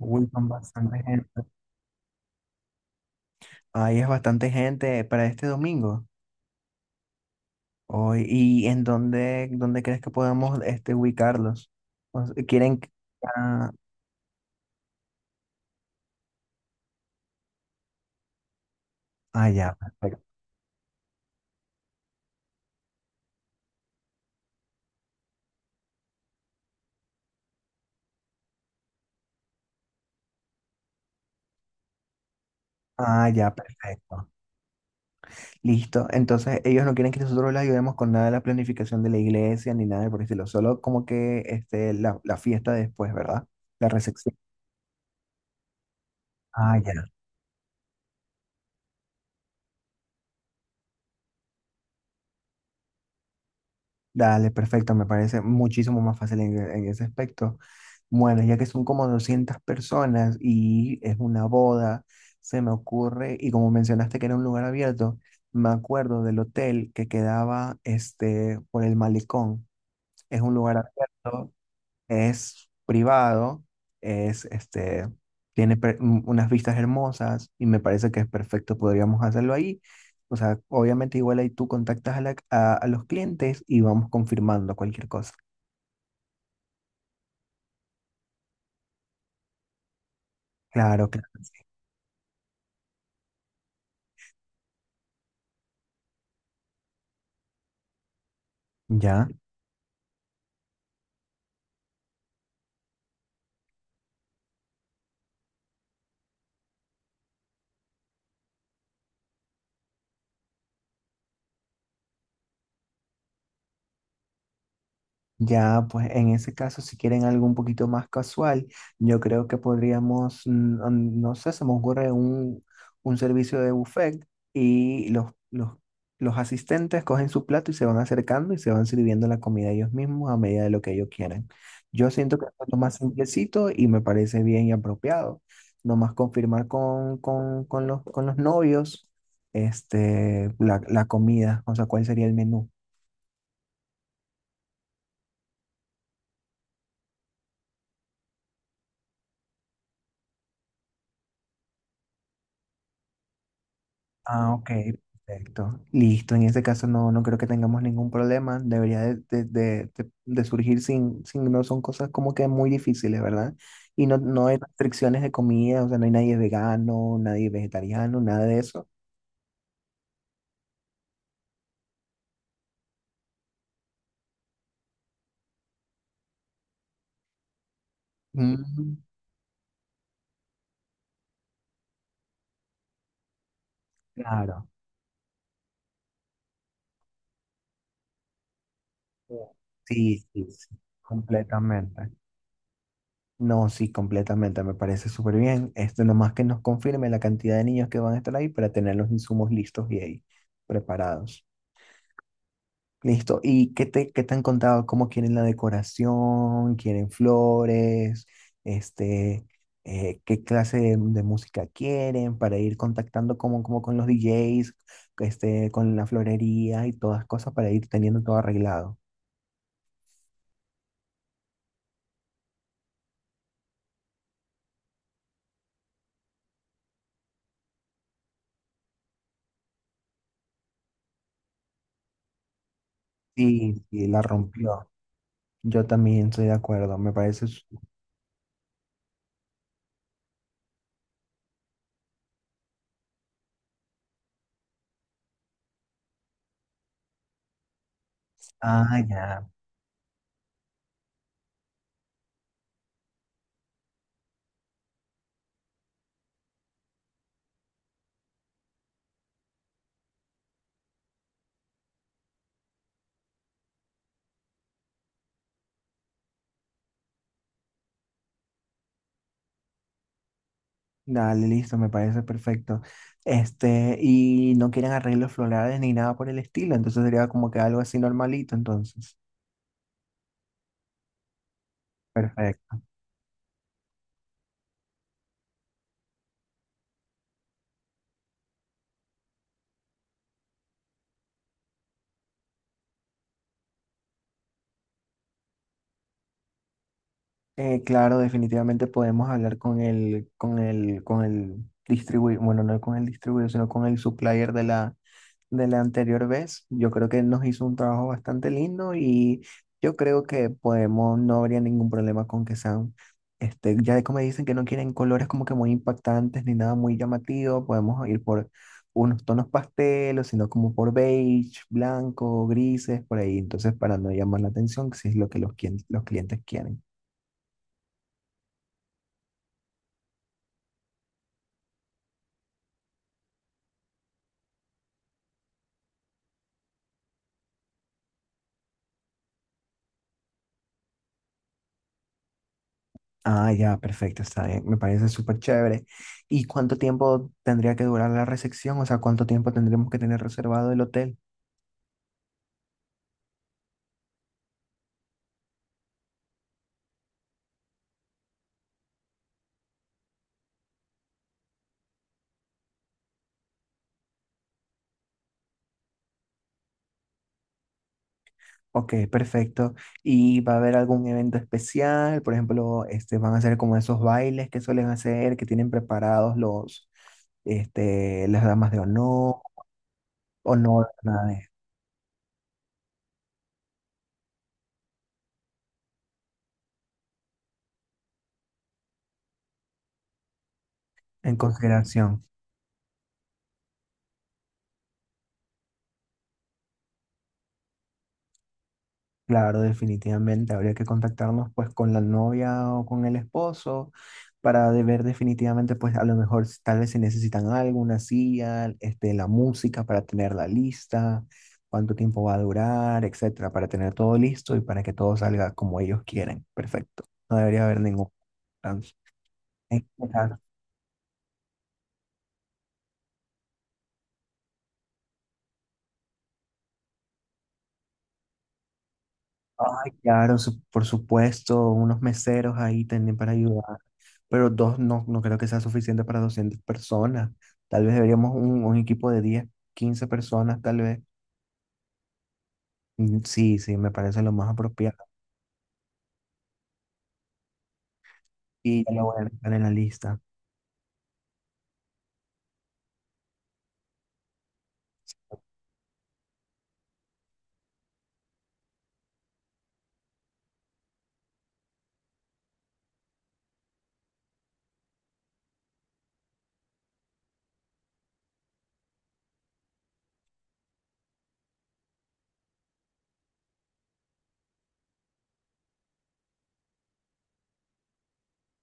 Uy, con bastante gente. Ahí es bastante gente para este domingo. Hoy, ¿y en dónde crees que podemos este, ubicarlos? O sea, ¿quieren? Ah, ah, ya, perfecto. Ah, ya, perfecto. Listo. Entonces, ellos no quieren que nosotros les ayudemos con nada de la planificación de la iglesia ni nada por el estilo. Solo como que este, la fiesta después, ¿verdad? La recepción. Ah, ya. Dale, perfecto. Me parece muchísimo más fácil en ese aspecto. Bueno, ya que son como 200 personas y es una boda, se me ocurre, y como mencionaste que era un lugar abierto, me acuerdo del hotel que quedaba este, por el malecón. Es un lugar abierto, es privado, es, este, tiene unas vistas hermosas y me parece que es perfecto, podríamos hacerlo ahí. O sea, obviamente igual ahí tú contactas a, la- a los clientes y vamos confirmando cualquier cosa. Claro, claro. Ya. Ya, pues en ese caso, si quieren algo un poquito más casual, yo creo que podríamos, no sé, se me ocurre un servicio de buffet y los asistentes cogen su plato y se van acercando y se van sirviendo la comida ellos mismos a medida de lo que ellos quieran. Yo siento que es lo más simplecito y me parece bien y apropiado. Nomás confirmar con los novios este, la comida, o sea, cuál sería el menú. Ah, ok, perfecto. Listo, en este caso no, no creo que tengamos ningún problema. Debería de surgir sin, no son cosas como que muy difíciles, ¿verdad? Y no, no hay restricciones de comida, o sea, no hay nadie vegano, nadie vegetariano, nada de eso. Mm, claro. Sí, sí, sí, completamente. No, sí, completamente, me parece súper bien. Esto nomás que nos confirme la cantidad de niños que van a estar ahí para tener los insumos listos y ahí preparados. Listo. ¿Y qué te han contado? ¿Cómo quieren la decoración? ¿Quieren flores? Este, ¿qué clase de música quieren para ir contactando como con los DJs, este, con la florería y todas cosas para ir teniendo todo arreglado? Sí, sí, la rompió. Yo también estoy de acuerdo. Me parece. Ah, ya. Dale, listo, me parece perfecto. Este, y no quieren arreglos florales ni nada por el estilo, entonces sería como que algo así normalito, entonces. Perfecto. Claro, definitivamente podemos hablar con el distribuidor, bueno, no con el distribuidor, sino con el supplier de la anterior vez. Yo creo que nos hizo un trabajo bastante lindo y yo creo que podemos, no habría ningún problema con que sean, este, ya como dicen que no quieren colores como que muy impactantes ni nada muy llamativo, podemos ir por unos tonos pastelos, sino como por beige, blanco, grises, por ahí. Entonces, para no llamar la atención, si es lo que los, los clientes quieren. Ah, ya, perfecto, está bien. Me parece súper chévere. ¿Y cuánto tiempo tendría que durar la recepción? O sea, ¿cuánto tiempo tendremos que tener reservado el hotel? Ok, perfecto. ¿Y va a haber algún evento especial? Por ejemplo, este, van a hacer como esos bailes que suelen hacer, que tienen preparados los, este, las damas de honor, o no, nada de- en consideración. Claro, definitivamente habría que contactarnos pues con la novia o con el esposo para de ver definitivamente pues a lo mejor tal vez se necesitan algo, una silla, este, la música para tener la lista, cuánto tiempo va a durar, etcétera, para tener todo listo y para que todo salga como ellos quieren. Perfecto. No debería haber ningún trance. Ay, claro, ay, claro, por supuesto, unos meseros ahí también para ayudar. Pero dos no, no creo que sea suficiente para 200 personas. Tal vez deberíamos un equipo de 10 15 personas, tal vez. Mm, sí, sí, me parece lo más apropiado. Y ya lo voy a dejar en la lista.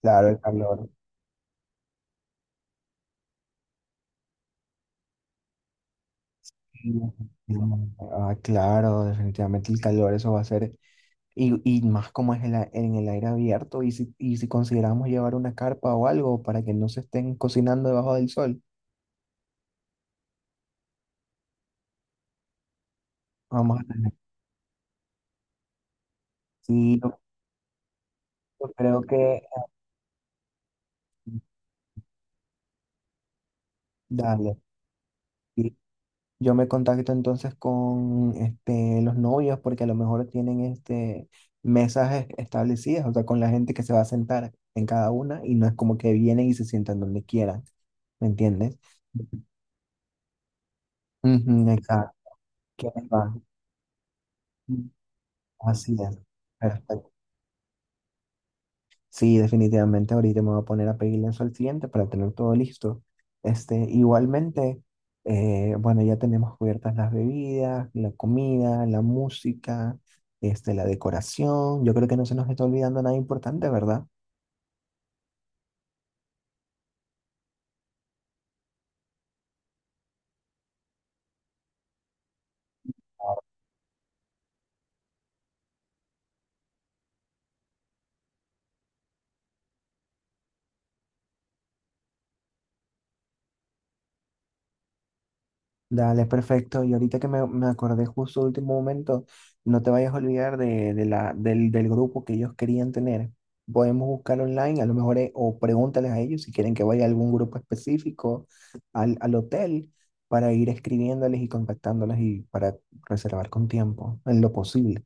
Claro, el calor. Ah, claro, definitivamente el calor, eso va a ser. Y, más como es el en el aire abierto, y si consideramos llevar una carpa o algo para que no se estén cocinando debajo del sol, vamos a tener. Sí, yo creo que. Dale. Yo me contacto entonces con este, los novios porque a lo mejor tienen este, mesas establecidas, o sea, con la gente que se va a sentar en cada una y no es como que vienen y se sientan donde quieran, ¿me entiendes? Ujú, exacto. ¿Quiénes van? Así es. Perfecto. Sí, definitivamente ahorita me voy a poner a pedirle eso al cliente para tener todo listo. Este, igualmente, bueno, ya tenemos cubiertas las bebidas, la comida, la música, este, la decoración. Yo creo que no se nos está olvidando nada importante, ¿verdad? Dale, perfecto. Y ahorita que me acordé justo último momento, no te vayas a olvidar del grupo que ellos querían tener. Podemos buscar online, a lo mejor, o pregúntales a ellos si quieren que vaya a algún grupo específico al hotel para ir escribiéndoles y contactándoles y para reservar con tiempo, en lo posible.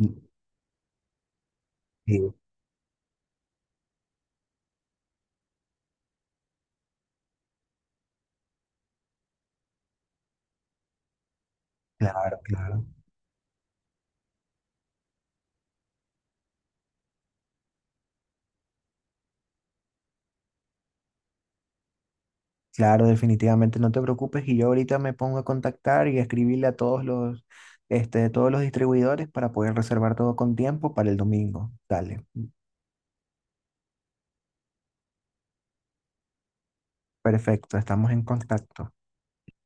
Mm, sí, claro, claro. Claro, definitivamente no te preocupes y yo ahorita me pongo a contactar y a escribirle a todos los, este, todos los distribuidores para poder reservar todo con tiempo para el domingo. Dale, perfecto, estamos en contacto.